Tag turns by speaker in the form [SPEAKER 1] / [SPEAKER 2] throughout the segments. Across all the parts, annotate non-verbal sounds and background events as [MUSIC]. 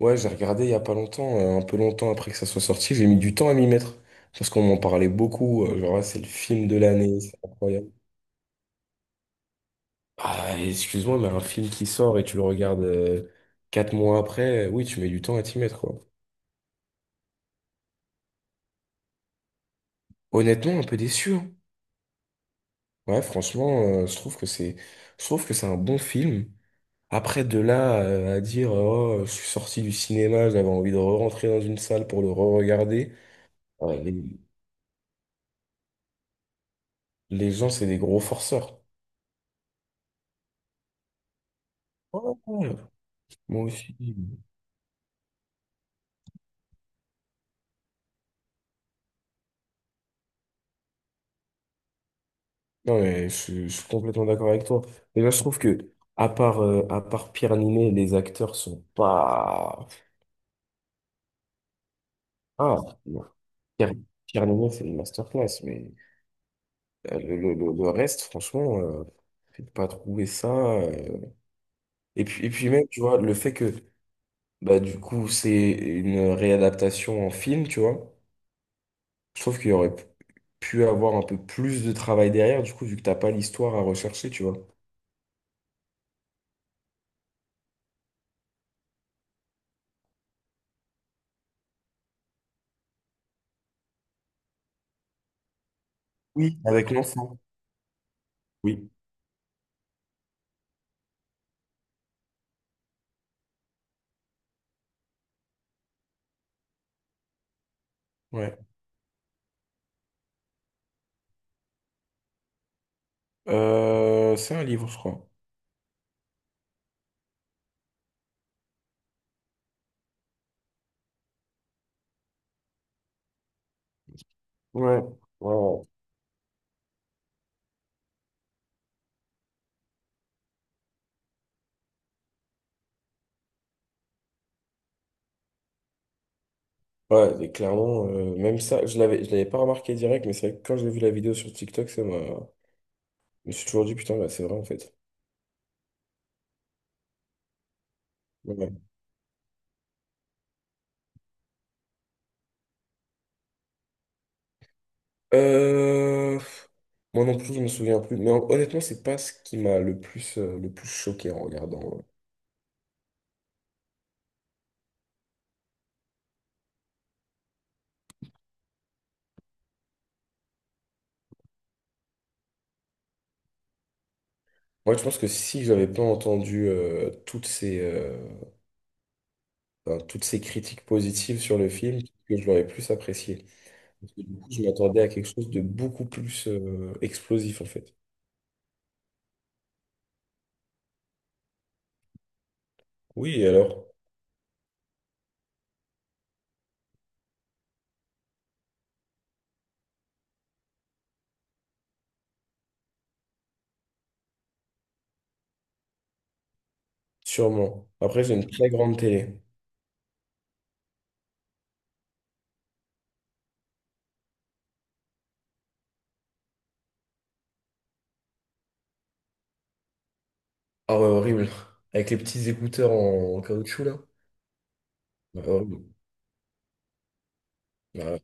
[SPEAKER 1] Ouais, j'ai regardé il y a pas longtemps, un peu longtemps après que ça soit sorti, j'ai mis du temps à m'y mettre. Parce qu'on m'en parlait beaucoup, genre, ah, c'est le film de l'année, c'est incroyable. Ah, excuse-moi, mais un film qui sort et tu le regardes 4 mois après, oui, tu mets du temps à t'y mettre, quoi. Honnêtement, un peu déçu, hein. Ouais, franchement, je trouve que c'est un bon film. Après, de là à dire, oh, je suis sorti du cinéma, j'avais envie de rentrer dans une salle pour le re-regarder. Ouais, les gens, c'est des gros forceurs. Ouais, ouais. Moi aussi. Non, mais je suis complètement d'accord avec toi. Déjà, je trouve que, à part Pierre Niney, les acteurs sont pas. Ah, non. Pierre, Pierre Niney, c'est une masterclass, mais le reste, franchement, j'ai pas trouvé ça, et puis, même, tu vois, le fait que, bah, du coup, c'est une réadaptation en film, tu vois, je trouve qu'il y aurait pu avoir un peu plus de travail derrière, du coup, vu que t'as pas l'histoire à rechercher, tu vois. Oui. Avec l'enfant. Oui. Ouais. C'est un livre, je crois. Ouais. Ouais, ouais. Ouais, et clairement, même ça, je l'avais pas remarqué direct, mais c'est vrai que quand j'ai vu la vidéo sur TikTok, ça m'a. Je me suis toujours dit, putain, bah, c'est vrai en fait. Ouais, ouais. Euh, moi non plus, je me souviens plus. Mais honnêtement, c'est pas ce qui m'a le plus choqué en regardant, Moi, je pense que si j'avais pas entendu toutes enfin, toutes ces critiques positives sur le film, que je l'aurais plus apprécié. Parce que du coup, je m'attendais à quelque chose de beaucoup plus explosif en fait. Oui, alors, sûrement. Après, j'ai une très grande télé. Ah ouais, horrible. Avec les petits écouteurs en caoutchouc, là. Ouais, horrible. Ouais,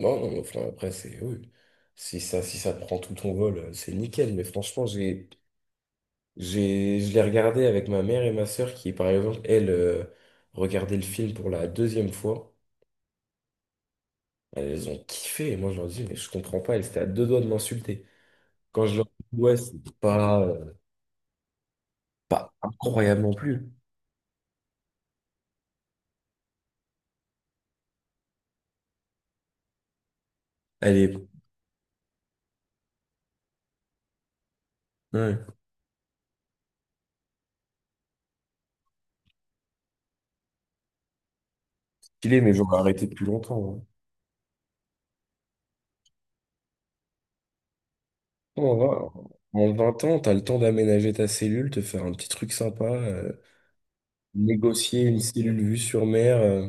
[SPEAKER 1] non, non, mais enfin, après, c'est... Oui. Si ça te prend tout ton vol, c'est nickel. Mais franchement, je l'ai regardé avec ma mère et ma sœur qui, par exemple, elles, regardaient le film pour la 2e fois. Elles ont kiffé. Et moi, je leur dis, mais je comprends pas. Elles étaient à deux doigts de m'insulter. Quand je leur dis, ouais, c'est pas, pas incroyable non plus. Elle est... ouais. Stylé, mais j'aurais arrêté depuis longtemps, hein. En 20 ans, t'as le temps d'aménager ta cellule, te faire un petit truc sympa, négocier une cellule vue sur mer,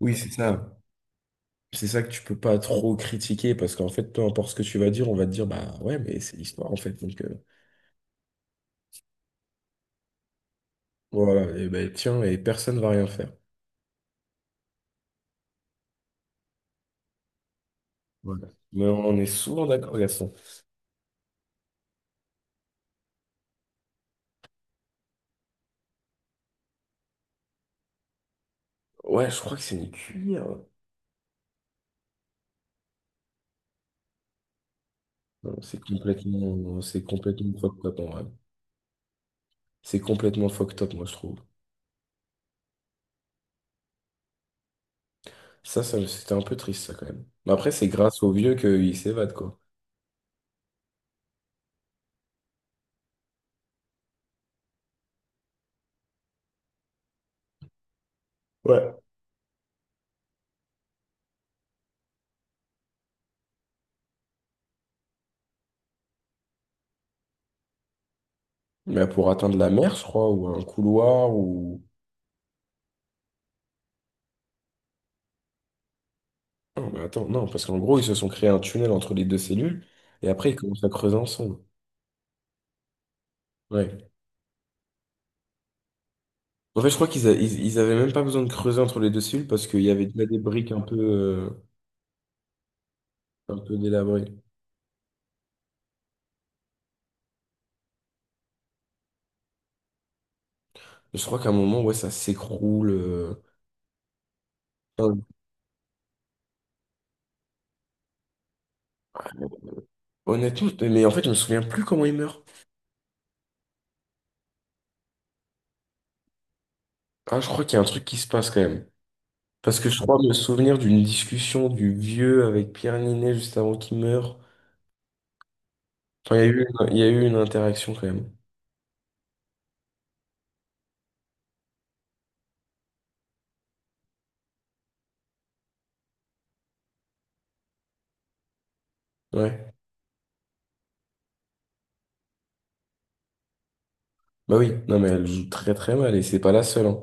[SPEAKER 1] Oui, c'est ça. C'est ça que tu peux pas trop critiquer parce qu'en fait, peu importe ce que tu vas dire, on va te dire, bah ouais, mais c'est l'histoire en fait. Donc voilà, et ben tiens, et personne va rien faire. Voilà. Mais on est souvent d'accord, Gaston. Ouais, je crois que c'est une cuillère. Non, c'est complètement fucked up en vrai. C'est complètement fucked up, moi, je trouve. Ça, c'était un peu triste, ça, quand même. Mais après, c'est grâce aux vieux qu'ils s'évadent, quoi. Ouais. Mais pour atteindre la mer, je crois, ou un couloir, ou... Non, mais attends, non, parce qu'en gros, ils se sont créés un tunnel entre les deux cellules, et après, ils commencent à creuser ensemble. Ouais. En fait, je crois qu'ils avaient même pas besoin de creuser entre les deux cellules, parce qu'il y avait déjà des briques un peu délabrées. Je crois qu'à un moment, ouais, ça s'écroule, Enfin, honnêtement, mais en fait, je me souviens plus comment ils meurent. Ah, je crois qu'il y a un truc qui se passe, quand même. Parce que je crois me souvenir d'une discussion du vieux avec Pierre Ninet juste avant qu'il meure. Enfin, il y a eu une interaction quand même. Ouais. Bah oui, non mais elle joue très très mal et c'est pas la seule, hein.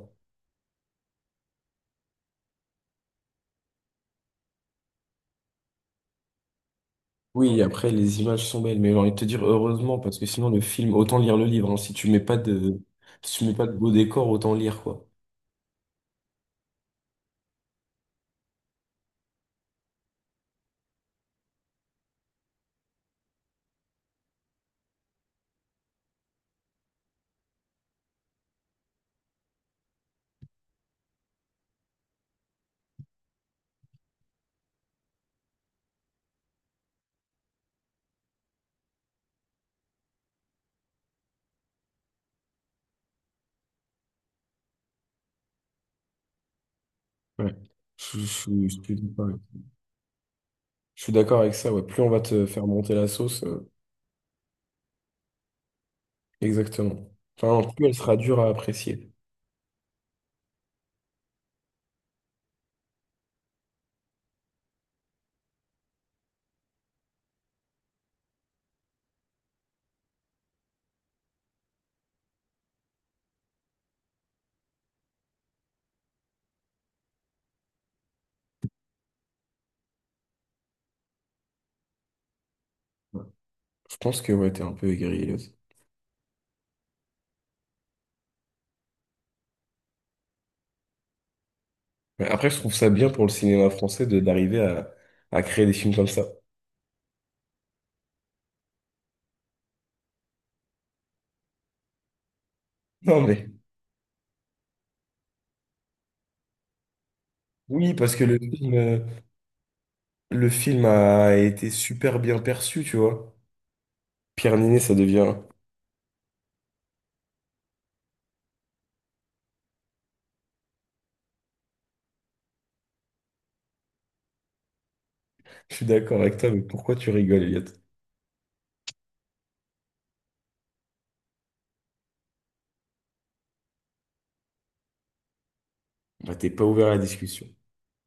[SPEAKER 1] Oui, après les images sont belles, mais j'ai envie de te dire heureusement parce que sinon le film, autant lire le livre, hein. Si tu mets pas de beau décor, autant lire quoi. Ouais. Je suis d'accord, je suis d'accord avec ça. Ouais. Plus on va te faire monter la sauce, exactement. Enfin, plus elle sera dure à apprécier. Ouais. Je pense que ouais, t'es un peu aigri, là. Mais après, je trouve ça bien pour le cinéma français de d'arriver à créer des films comme ça. [LAUGHS] Non, mais oui, parce que le film a été super bien perçu, tu vois. Pierre Niney, ça devient. Je suis d'accord avec toi, mais pourquoi tu rigoles, Elliot? Bah, t'es pas ouvert à la discussion.